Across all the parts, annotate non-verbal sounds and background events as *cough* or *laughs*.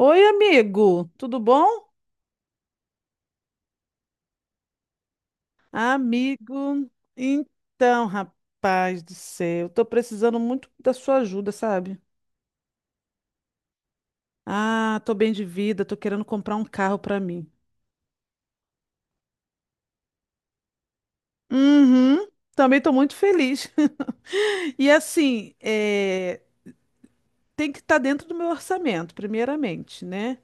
Oi, amigo, tudo bom? Amigo, então, rapaz do céu, tô precisando muito da sua ajuda, sabe? Ah, tô bem de vida, tô querendo comprar um carro pra mim. Uhum, também tô muito feliz. *laughs* E assim, é, tem que estar dentro do meu orçamento, primeiramente, né?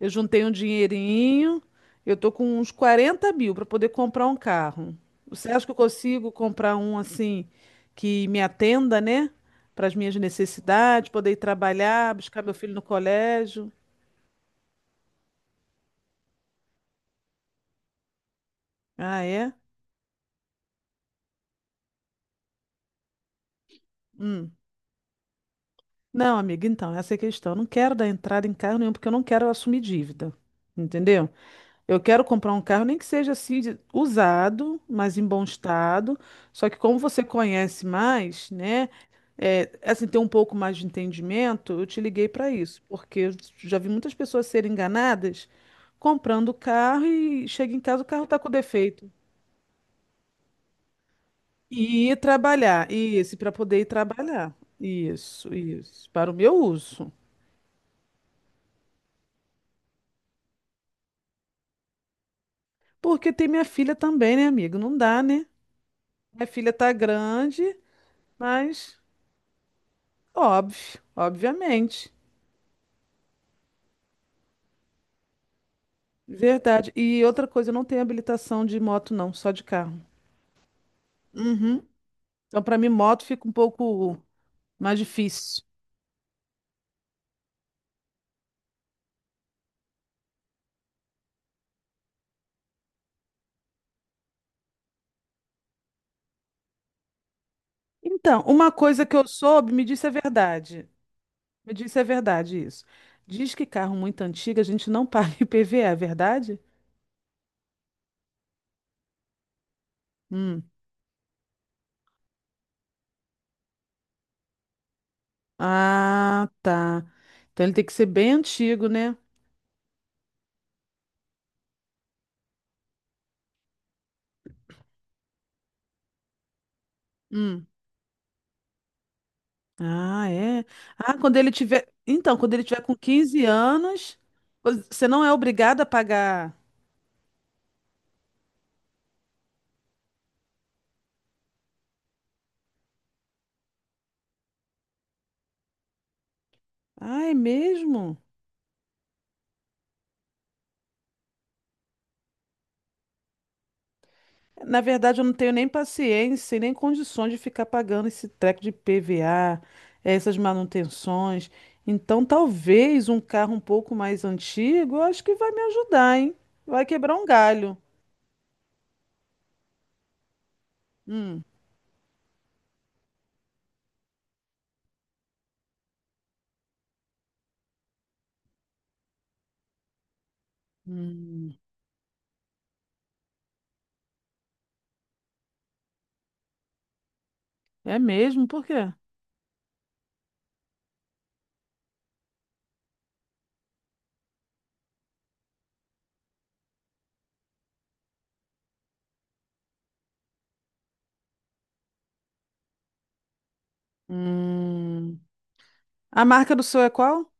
Eu juntei um dinheirinho, eu tô com uns 40 mil para poder comprar um carro. Você acha que eu consigo comprar um assim que me atenda, né? Para as minhas necessidades, poder ir trabalhar, buscar meu filho no colégio? Ah, é? Hum. Não, amiga, então, essa é a questão. Eu não quero dar entrada em carro nenhum porque eu não quero assumir dívida. Entendeu? Eu quero comprar um carro, nem que seja assim, usado, mas em bom estado. Só que como você conhece mais, né? É, assim, ter um pouco mais de entendimento, eu te liguei para isso, porque eu já vi muitas pessoas serem enganadas comprando carro e chega em casa o carro está com defeito. E ir trabalhar, isso, para poder ir trabalhar. Isso, para o meu uso. Porque tem minha filha também, né, amigo? Não dá, né? Minha filha tá grande, mas. Óbvio, obviamente. Verdade. E outra coisa, eu não tenho habilitação de moto, não, só de carro. Uhum. Então, para mim, moto fica um pouco mais difícil. Então, uma coisa que eu soube, me disse é verdade. Me disse é verdade isso. Diz que carro muito antigo a gente não *laughs* paga IPVA, é verdade? Hum. Ah, tá. Então ele tem que ser bem antigo, né? Hum. Ah, é. Ah, quando ele tiver. Então, quando ele tiver com 15 anos, você não é obrigado a pagar. Ah, é mesmo? Na verdade, eu não tenho nem paciência e nem condições de ficar pagando esse treco de PVA, essas manutenções. Então, talvez um carro um pouco mais antigo, eu acho que vai me ajudar, hein? Vai quebrar um galho. Hum. Hum. É mesmo? Por quê? Hum. A marca do seu é qual?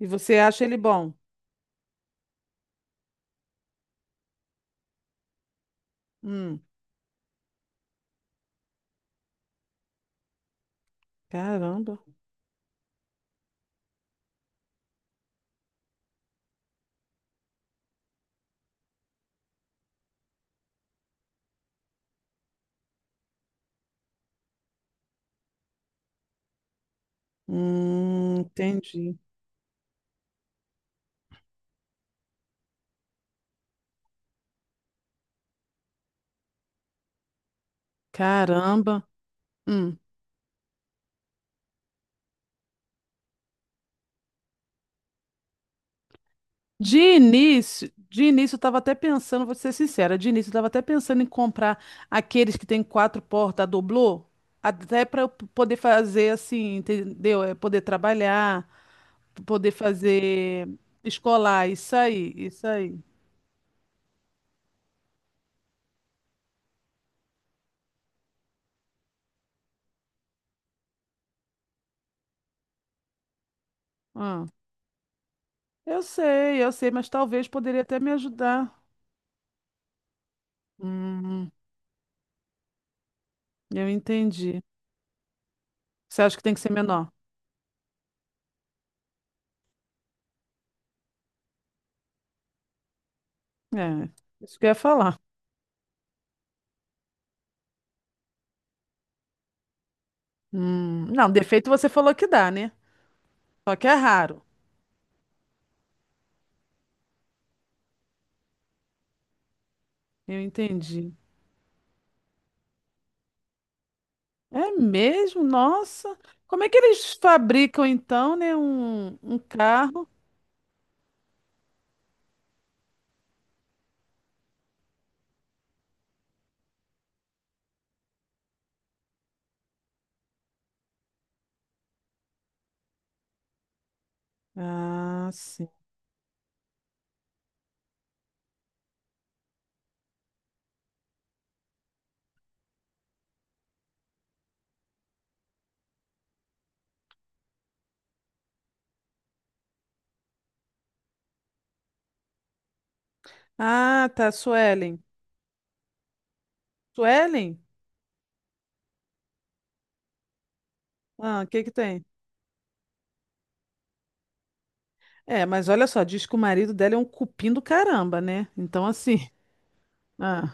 E você acha ele bom? Hum. Caramba. Entendi. Caramba. Hum. De início eu estava até pensando, vou ser sincera, de início eu estava até pensando em comprar aqueles que tem quatro portas, a doblô, até para eu poder fazer assim, entendeu? É poder trabalhar, poder fazer escolar, isso aí, isso aí. Ah, eu sei, mas talvez poderia até me ajudar. Hum, eu entendi. Você acha que tem que ser menor? É, isso que eu ia falar. Não, defeito você falou que dá, né? Só que é raro. Eu entendi. É mesmo? Nossa. Como é que eles fabricam então, né, um carro? Ah, sim. Ah, tá, Suelen. Suelen? Ah, o que que tem? É, mas olha só, diz que o marido dela é um cupim do caramba, né? Então assim, *laughs* ah,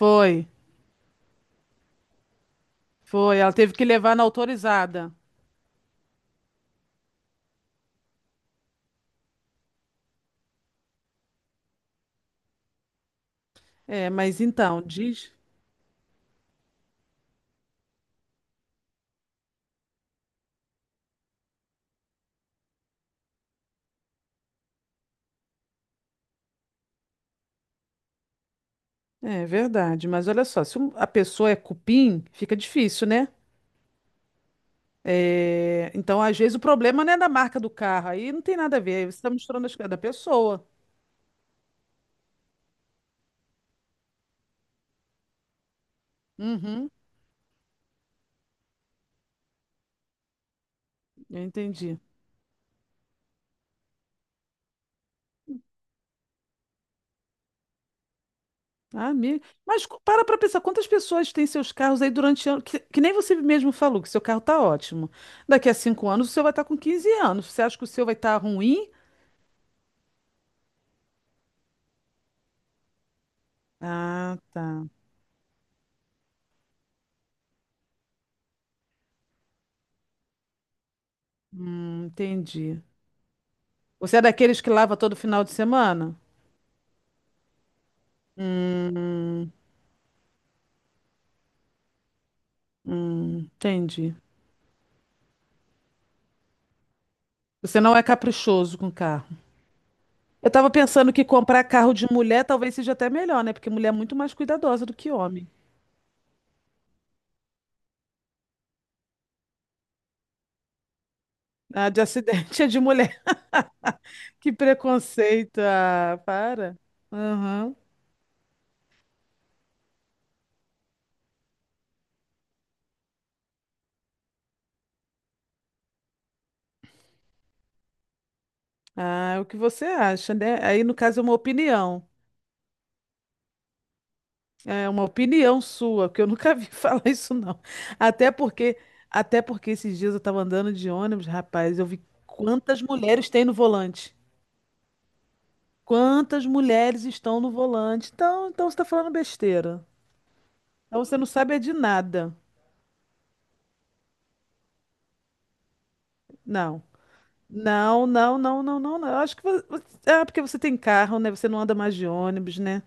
foi, foi, ela teve que levar na autorizada. É, mas então, diz, é verdade, mas olha só, se a pessoa é cupim, fica difícil, né? É, então, às vezes, o problema não é da marca do carro, aí não tem nada a ver, você está misturando as coisas da pessoa. Uhum, eu entendi. Ah, amigo. Mas para pensar, quantas pessoas têm seus carros aí durante anos? Que nem você mesmo falou, que seu carro tá ótimo. Daqui a 5 anos o seu vai estar com 15 anos. Você acha que o seu vai estar ruim? Ah, tá. Entendi. Você é daqueles que lava todo final de semana? Hum, entendi. Você não é caprichoso com o carro. Eu tava pensando que comprar carro de mulher talvez seja até melhor, né? Porque mulher é muito mais cuidadosa do que homem. Ah, de acidente *laughs* é de mulher. Que preconceito. Ah, para. Aham. Ah, é o que você acha, né? Aí, no caso, é uma opinião. É uma opinião sua, que eu nunca vi *laughs* falar isso, não. Até porque, até porque esses dias eu tava andando de ônibus, rapaz, eu vi quantas mulheres tem no volante. Quantas mulheres estão no volante. Então, então você tá falando besteira. Então você não sabe é de nada. Não. Não, não, não, não, não, não. Eu acho que você... você- Ah, porque você tem carro, né? Você não anda mais de ônibus, né?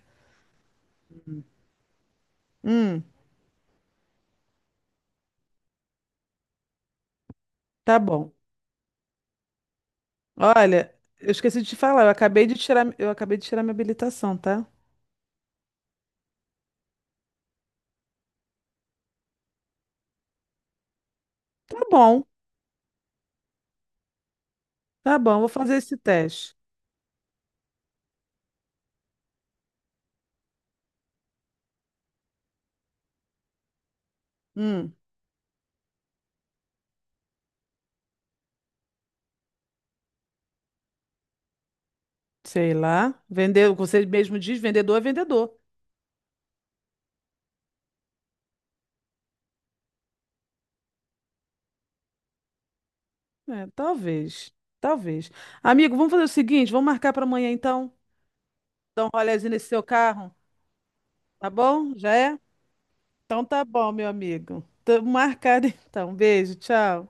Hum, tá bom. Olha, eu esqueci de te falar, eu acabei de tirar, eu acabei de tirar minha habilitação, tá? Tá bom. Tá bom, vou fazer esse teste. Hum, sei lá. Vender, você mesmo diz, vendedor. É, talvez. Talvez. Amigo, vamos fazer o seguinte, vamos marcar para amanhã então. Dar um rolezinho nesse seu carro, tá bom? Já é? Então tá bom, meu amigo. Tamo marcado então. Beijo, tchau.